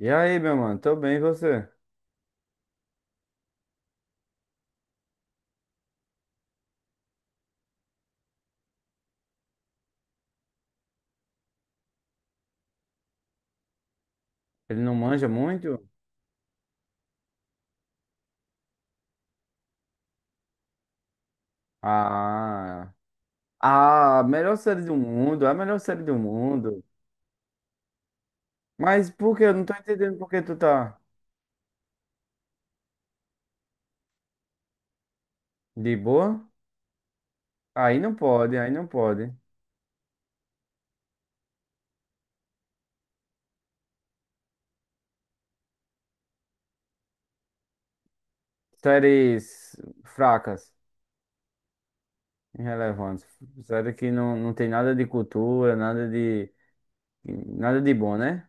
E aí, meu mano? Tô bem, e você? Ele não manja muito? Ah, ah, a melhor série do mundo, a melhor série do mundo. Mas por que? Eu não tô entendendo por que tu tá de boa. Aí não pode. Séries fracas, irrelevantes. Série que não tem nada de cultura, nada de bom, né?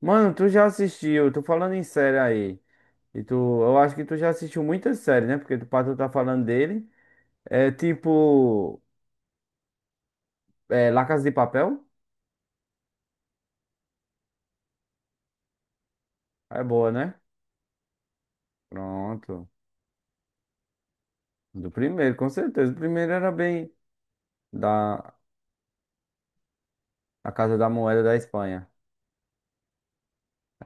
Mano, tu já assistiu, tô falando em série aí. E tu, eu acho que tu já assistiu muitas séries, né? Porque tu, pra tu tá falando dele. É tipo. É, La Casa de Papel? É boa, né? Pronto. Do primeiro, com certeza. O primeiro era bem da a Casa da Moeda da Espanha.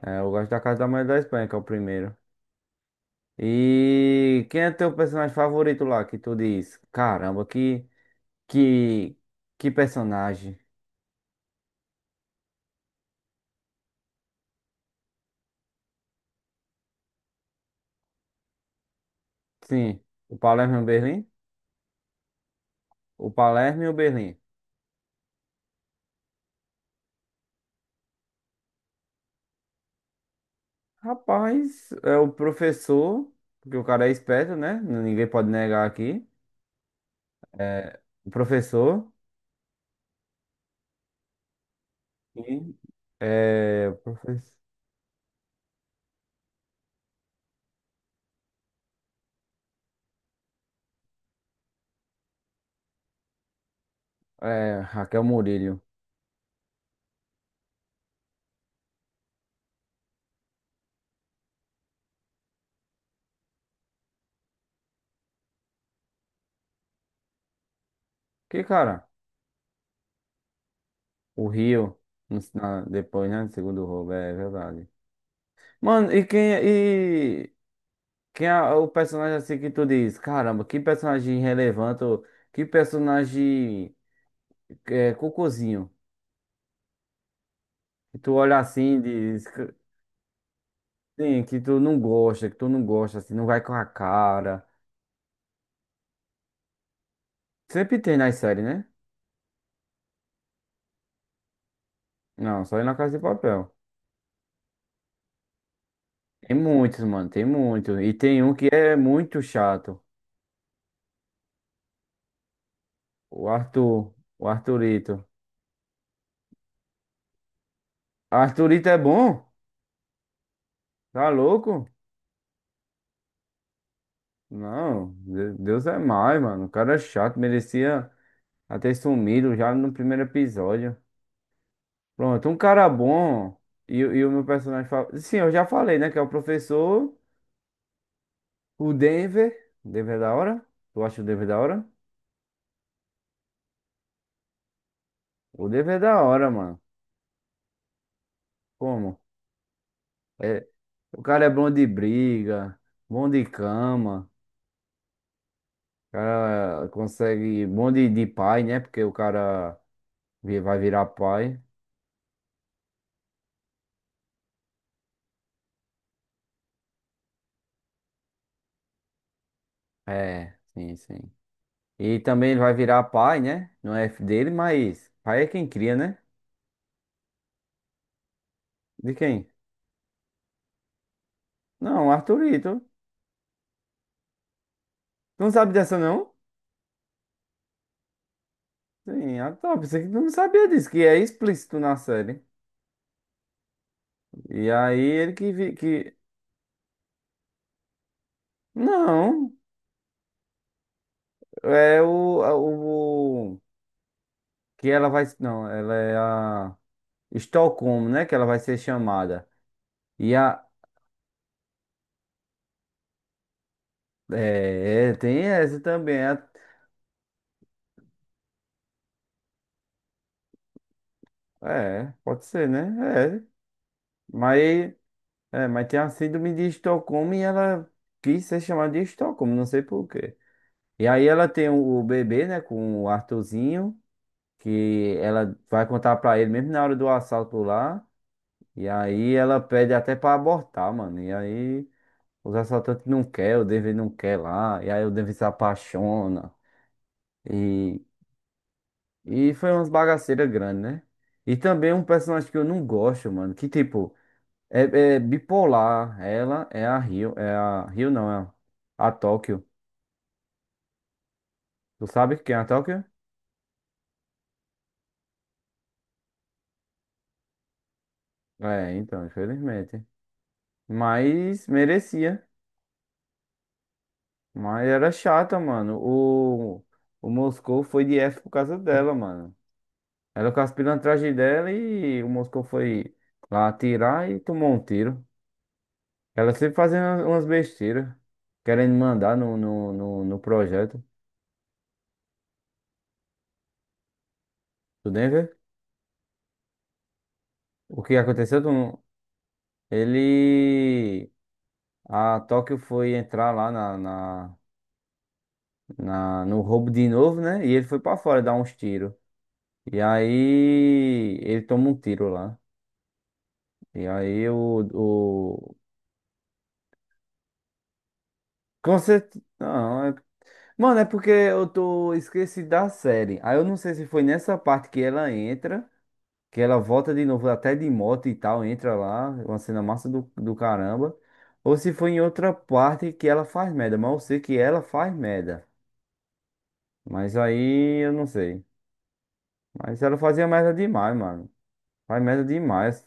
É, eu gosto da Casa da Moeda da Espanha, que é o primeiro. E quem é teu personagem favorito lá, que tu diz? Caramba, que que personagem. Sim, o Palermo e o Berlim? O Palermo e o Berlim. Rapaz, é o professor, porque o cara é esperto, né? Ninguém pode negar aqui. É, o professor. E é, professor, é, Raquel Murillo. Que cara? O Rio, depois, né? Segundo roubo, é verdade. Mano, e quem é o personagem assim que tu diz? Caramba, que personagem relevante, ou que personagem é, cocôzinho. Que tu olha assim e diz, que- sim, que tu não gosta, assim, não vai com a cara. Sempre tem nas séries, né? Não, só aí na Casa de Papel. Tem muitos, mano, tem muito. E tem um que é muito chato. O Arthur, o Arthurito. Arthurito é bom? Tá louco? Não, Deus é mais, mano. O cara é chato, merecia até sumido já no primeiro episódio. Pronto, um cara bom. E o meu personagem favorito. Sim, eu já falei, né? Que é o professor, o Denver. O Denver é da hora? Tu acha o Denver da hora? O Denver é da hora, mano. Como? É, o cara é bom de briga, bom de cama. O cara consegue um monte de pai, né? Porque o cara vai virar pai. É, sim. E também ele vai virar pai, né? Não é F dele, mas pai é quem cria, né? De quem? Não, Arthurito. Tu não sabe dessa, não? Sim, ah, tá. Pensei que tu não sabia disso, que é explícito na série. E aí ele que... vi- que... Não, é o. Que ela vai... Não, ela é a... Estocolmo, né? Que ela vai ser chamada. E a, é, tem essa também. É, é, pode ser, né? É. Mas, é, mas tem a síndrome de Estocolmo e ela quis ser chamada de Estocolmo, não sei por quê. E aí ela tem o bebê, né, com o Arthurzinho, que ela vai contar pra ele mesmo na hora do assalto lá. E aí ela pede até pra abortar, mano. E aí os assaltantes não quer, o David não quer lá. E aí o David se apaixona. e E foi umas bagaceiras grandes, né? E também um personagem que eu não gosto, mano. Que tipo, é, é bipolar. Ela é a Rio. É a Rio, não, é a Tóquio. Tu sabe quem é a Tóquio? É, então, infelizmente. Mas merecia. Mas era chata, mano. O Moscou foi de F por causa dela, mano. Ela com as pilantragens dela e o Moscou foi lá atirar e tomou um tiro. Ela sempre fazendo umas besteiras, querendo mandar no projeto do Denver. O que aconteceu? Tu não- Ele. A Tóquio foi entrar lá na no roubo de novo, né? E ele foi pra fora dar uns tiros. E aí. Ele toma um tiro lá. E aí o. o... Com cer- Não, é... Mano, é porque eu tô esqueci da série. Aí eu não sei se foi nessa parte que ela entra, que ela volta de novo até de moto e tal, entra lá, é uma cena massa do caramba. Ou se foi em outra parte que ela faz merda, mas eu sei que ela faz merda. Mas aí eu não sei. Mas ela fazia merda demais, mano. Faz merda demais.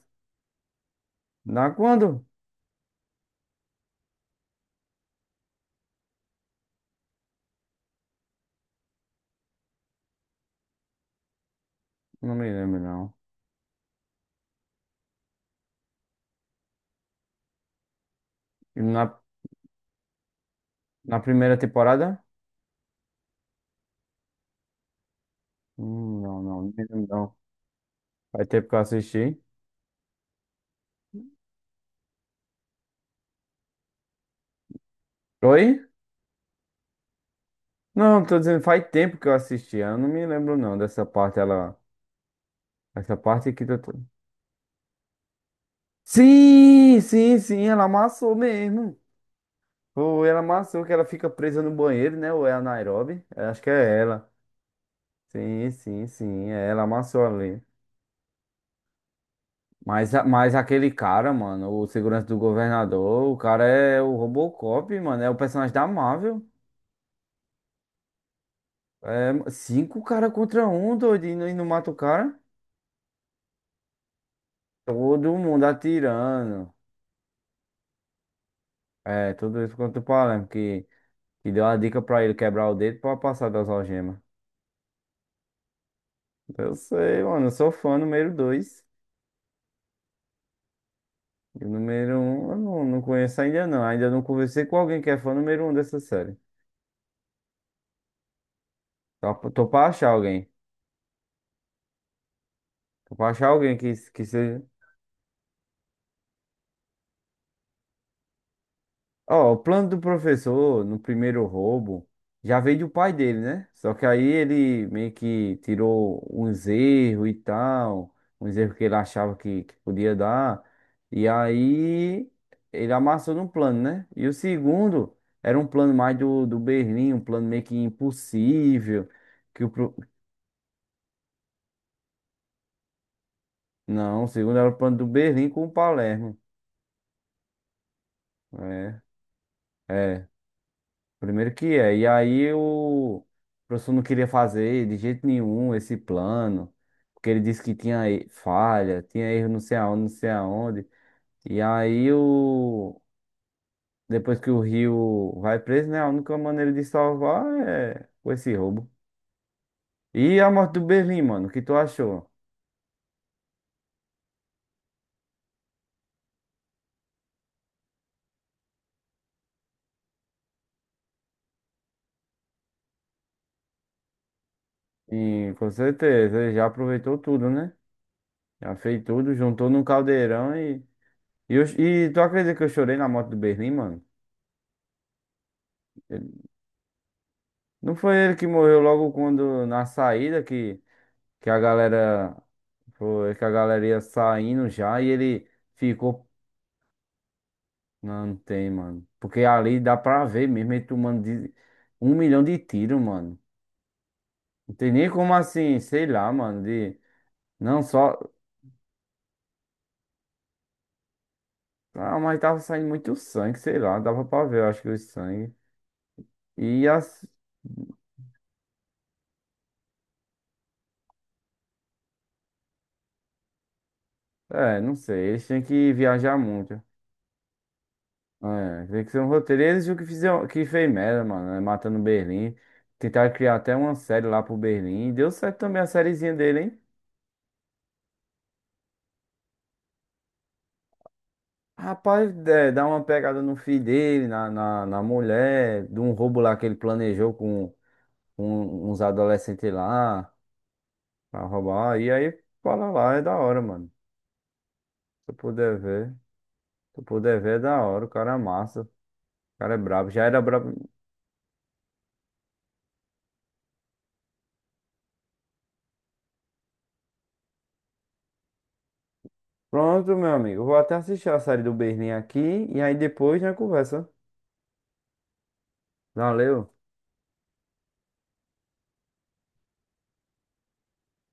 Na quando? Não me lembro, não. E Na, na primeira temporada? Não, não me lembro, não. Faz tempo que eu assisti. Oi? Não, tô dizendo, faz tempo que eu assisti. Eu não me lembro, não, dessa parte, ela. Essa parte que tu. Sim, sim, sim, ela amassou mesmo. Ou ela amassou que ela fica presa no banheiro, né? Ou é a Nairobi? Eu acho que é ela. Sim, sim, sim, é ela amassou ali. Mas, mas aquele cara, mano, o segurança do governador, o cara é o Robocop, mano, é o personagem da Marvel. É cinco cara contra um, doido, e não mata o cara. Todo mundo atirando. É, tudo isso contra o Palermo, que deu a dica pra ele quebrar o dedo pra passar das algemas. Eu sei, mano, eu sou fã número 2. E o número um, eu não conheço ainda não. Ainda não conversei com alguém que é fã número um dessa série. Tô pra achar alguém. Tô pra achar alguém que seja. Ó, o plano do professor no primeiro roubo já veio do pai dele, né? Só que aí ele meio que tirou uns erros e tal, uns erros que ele achava que podia dar, e aí ele amassou no plano, né? E o segundo era um plano mais do Berlim, um plano meio que impossível, que o... pro- Não, o segundo era o plano do Berlim com o Palermo. É, é. Primeiro que é. E aí o professor não queria fazer de jeito nenhum esse plano, porque ele disse que tinha falha, tinha erro não sei aonde, não sei aonde. E aí o depois que o Rio vai preso, né? A única maneira de salvar é com esse roubo. E a morte do Berlim, mano, o que tu achou? Sim, com certeza, ele já aproveitou tudo, né? Já fez tudo, juntou num caldeirão e. E tu acredita que eu chorei na morte do Berlim, mano? Não foi ele que morreu logo quando na saída que a galera foi que a galera ia saindo já e ele ficou. Não, não tem, mano. Porque ali dá pra ver mesmo ele tomando 1 milhão de tiros, mano. Não tem nem como assim, sei lá, mano. De... Não só. Ah, mas tava saindo muito sangue, sei lá. Dava pra ver, eu acho que o sangue. E as. É, não sei. Eles têm que viajar muito. É, tem que ser um roteiro. Eles o que fizeram, que fez merda, mano, né? Matando Berlim. Tentaram criar até uma série lá pro Berlim. Deu certo também a sériezinha dele, hein? Rapaz, é, dá uma pegada no filho dele, na mulher, de um roubo lá que ele planejou com uns adolescentes lá pra roubar. E aí, fala lá, é da hora, mano. Se eu puder ver, se eu puder ver, é da hora. O cara é massa, o cara é brabo. Já era brabo. Pronto, meu amigo. Vou até assistir a série do Berlim aqui e aí depois já conversa. Valeu.